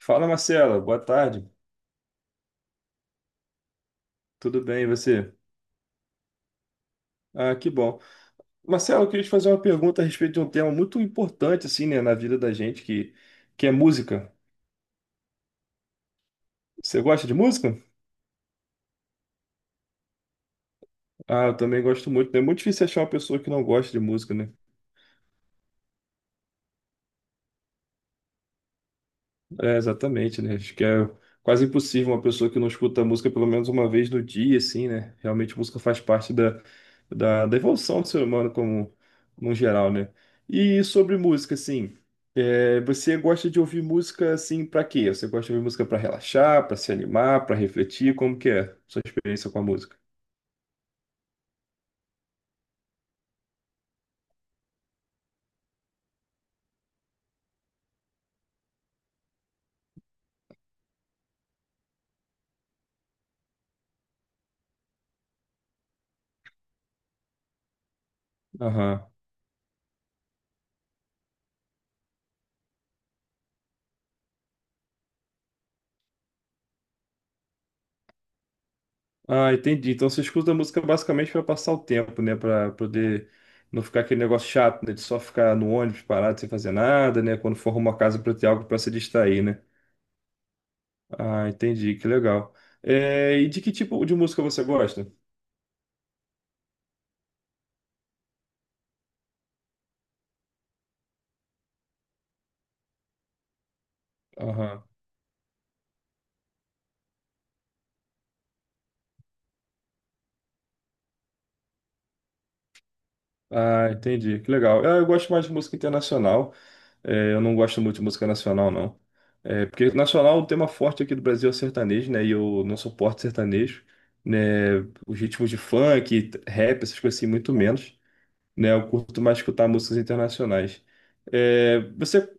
Fala, Marcela. Boa tarde. Tudo bem, e você? Ah, que bom. Marcela, eu queria te fazer uma pergunta a respeito de um tema muito importante, assim, né, na vida da gente, que é música. Você gosta de música? Ah, eu também gosto muito, né? É muito difícil achar uma pessoa que não gosta de música, né? É, exatamente, né? Acho que é quase impossível uma pessoa que não escuta música pelo menos uma vez no dia, assim, né? Realmente a música faz parte da evolução do ser humano como no geral, né? E sobre música, assim, você gosta de ouvir música, assim, pra quê? Você gosta de ouvir música pra relaxar, pra se animar, pra refletir? Como que é a sua experiência com a música? Aham. Ah, entendi. Então você escuta a música basicamente para passar o tempo, né? Para poder não ficar aquele negócio chato, né? De só ficar no ônibus parado sem fazer nada, né? Quando for arrumar casa para ter algo para se distrair, né? Ah, entendi. Que legal. É, e de que tipo de música você gosta? Aham. Ah, entendi. Que legal. Ah, eu gosto mais de música internacional. É, eu não gosto muito de música nacional, não. É, porque nacional, o tema forte aqui do Brasil é o sertanejo, né? E eu não suporto sertanejo, né? Os ritmos de funk, rap, essas coisas assim, muito menos, né? Eu curto mais escutar músicas internacionais. É, você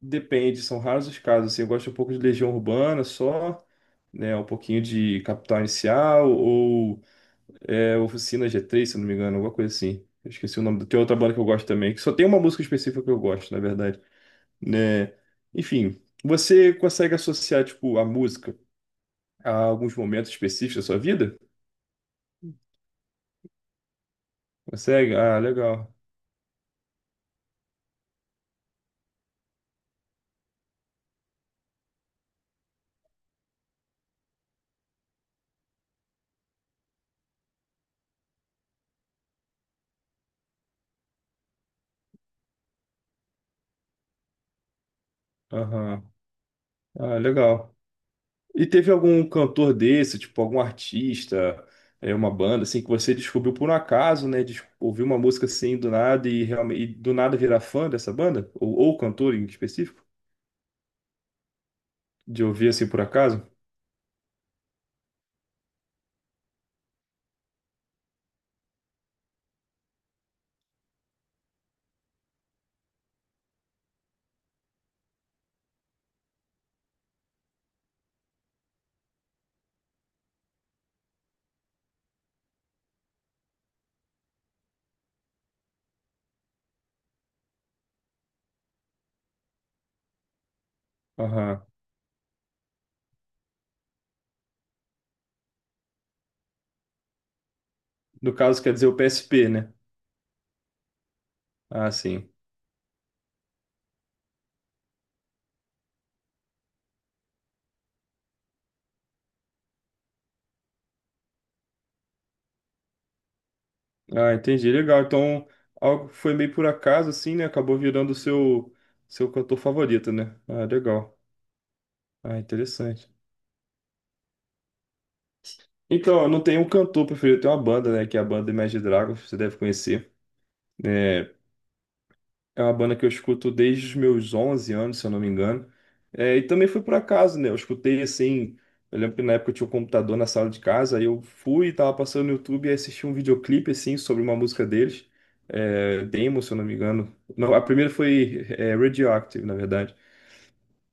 depende, são raros os casos, assim, eu gosto um pouco de Legião Urbana só, né? Um pouquinho de Capital Inicial ou Oficina G3, se eu não me engano, alguma coisa assim. Eu esqueci o nome. Tem outra banda que eu gosto também, que só tem uma música específica que eu gosto, na verdade, né? Enfim, você consegue associar, tipo, a música a alguns momentos específicos da sua vida? Consegue? Ah, legal. Aham. Ah, legal. E teve algum cantor desse, tipo, algum artista, uma banda, assim, que você descobriu por um acaso, né? De ouvir uma música assim do nada e, realmente, e do nada virar fã dessa banda? Ou cantor em específico? De ouvir assim por acaso? Aham. No caso, quer dizer o PSP, né? Ah, sim. Ah, entendi. Legal. Então, algo que foi meio por acaso, assim, né? Acabou virando o seu cantor favorito, né? Ah, legal. Ah, interessante. Então, eu não tenho um cantor preferido, eu tenho uma banda, né? Que é a banda Imagine Dragons, você deve conhecer. É, é uma banda que eu escuto desde os meus 11 anos, se eu não me engano. É, e também foi por acaso, né? Eu escutei assim. Eu lembro que na época eu tinha um computador na sala de casa, aí eu fui e tava passando no YouTube e assisti um videoclipe assim sobre uma música deles. É, Demo, se eu não me engano. Não, a primeira foi Radioactive, na verdade.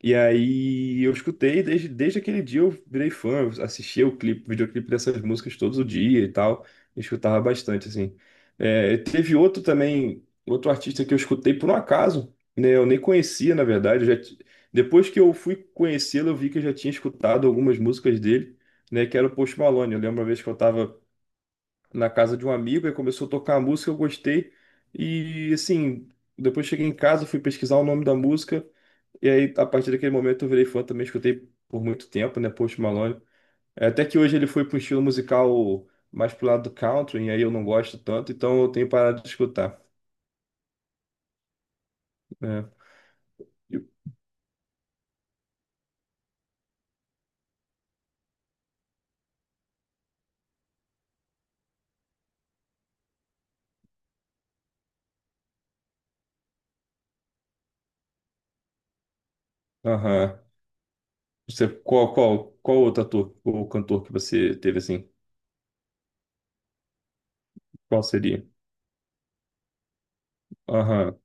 E aí eu escutei, desde aquele dia eu virei fã, eu assistia o clipe, videoclipe dessas músicas todo dia e tal, eu escutava bastante, assim. É, teve outro também, outro artista que eu escutei por um acaso, né, eu nem conhecia, na verdade, eu já, depois que eu fui conhecê-lo, eu vi que eu já tinha escutado algumas músicas dele, né, que era o Post Malone. Eu lembro uma vez que eu tava na casa de um amigo, e começou a tocar a música, eu gostei, e assim, depois cheguei em casa, fui pesquisar o nome da música, e aí, a partir daquele momento, eu virei fã também, escutei por muito tempo, né, Post Malone. É, até que hoje ele foi para um estilo musical mais pro lado do country, e aí eu não gosto tanto, então eu tenho parado de escutar, né? E- Aham. Você, qual outro ator ou cantor que você teve assim? Qual seria? Aham.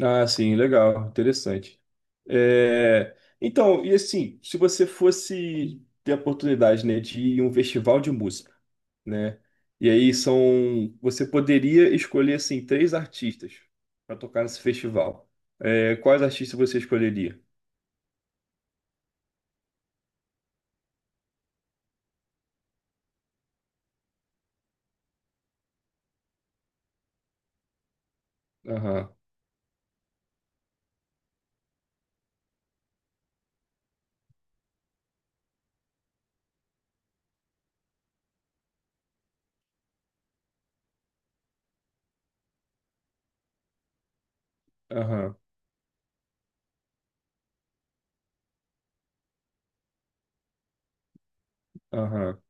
Ah, sim, legal, interessante. É, então, e assim, se você fosse ter a oportunidade, né, de ir em um festival de música, né? E aí são, você poderia escolher assim três artistas para tocar nesse festival. É, quais artistas você escolheria? Aham, aham, aham.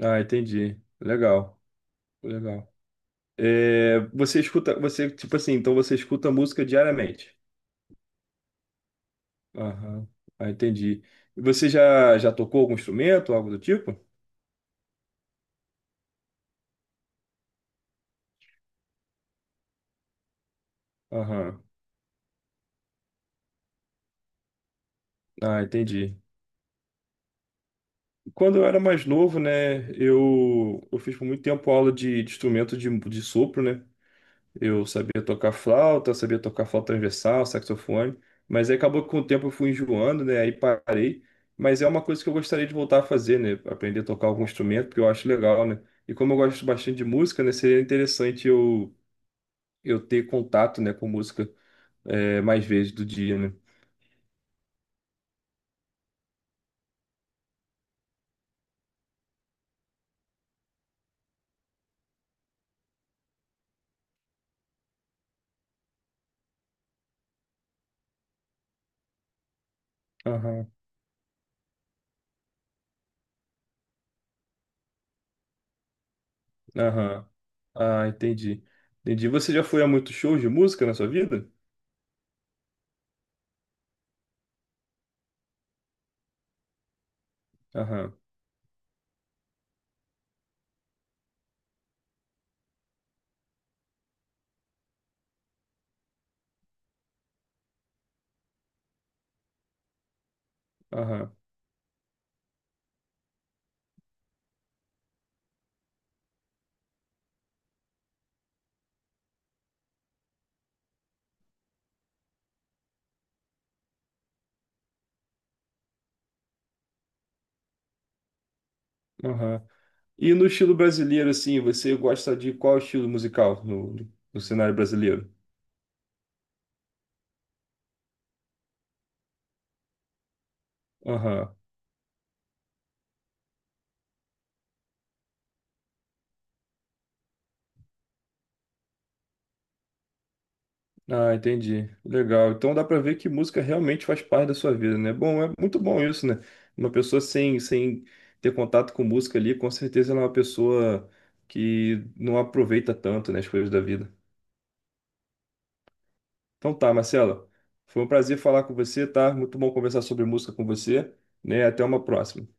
Ah, entendi. Legal, legal. É, você escuta, você tipo assim, então você escuta música diariamente. Aham, ah, entendi. E você já tocou algum instrumento, algo do tipo? Aham. Ah, entendi. Quando eu era mais novo, né, eu fiz por muito tempo aula de instrumento de sopro, né? Eu sabia tocar flauta, eu sabia tocar flauta transversal, saxofone, mas aí acabou que com o tempo eu fui enjoando, né? Aí parei. Mas é uma coisa que eu gostaria de voltar a fazer, né? Aprender a tocar algum instrumento, porque eu acho legal, né? E como eu gosto bastante de música, né? Seria interessante eu ter contato, né, com música, mais vezes do dia, né? Aham, aham. Ah, entendi. Entendi. Você já foi a muitos shows de música na sua vida? Aham, aham, aham. E no estilo brasileiro, assim, você gosta de qual estilo musical no cenário brasileiro? Aham. Ah, entendi. Legal. Então dá pra ver que música realmente faz parte da sua vida, né? Bom, é muito bom isso, né? Uma pessoa sem ter contato com música ali, com certeza ela é uma pessoa que não aproveita tanto, né, as coisas da vida. Então tá, Marcela. Foi um prazer falar com você, tá? Muito bom conversar sobre música com você, né? Até uma próxima.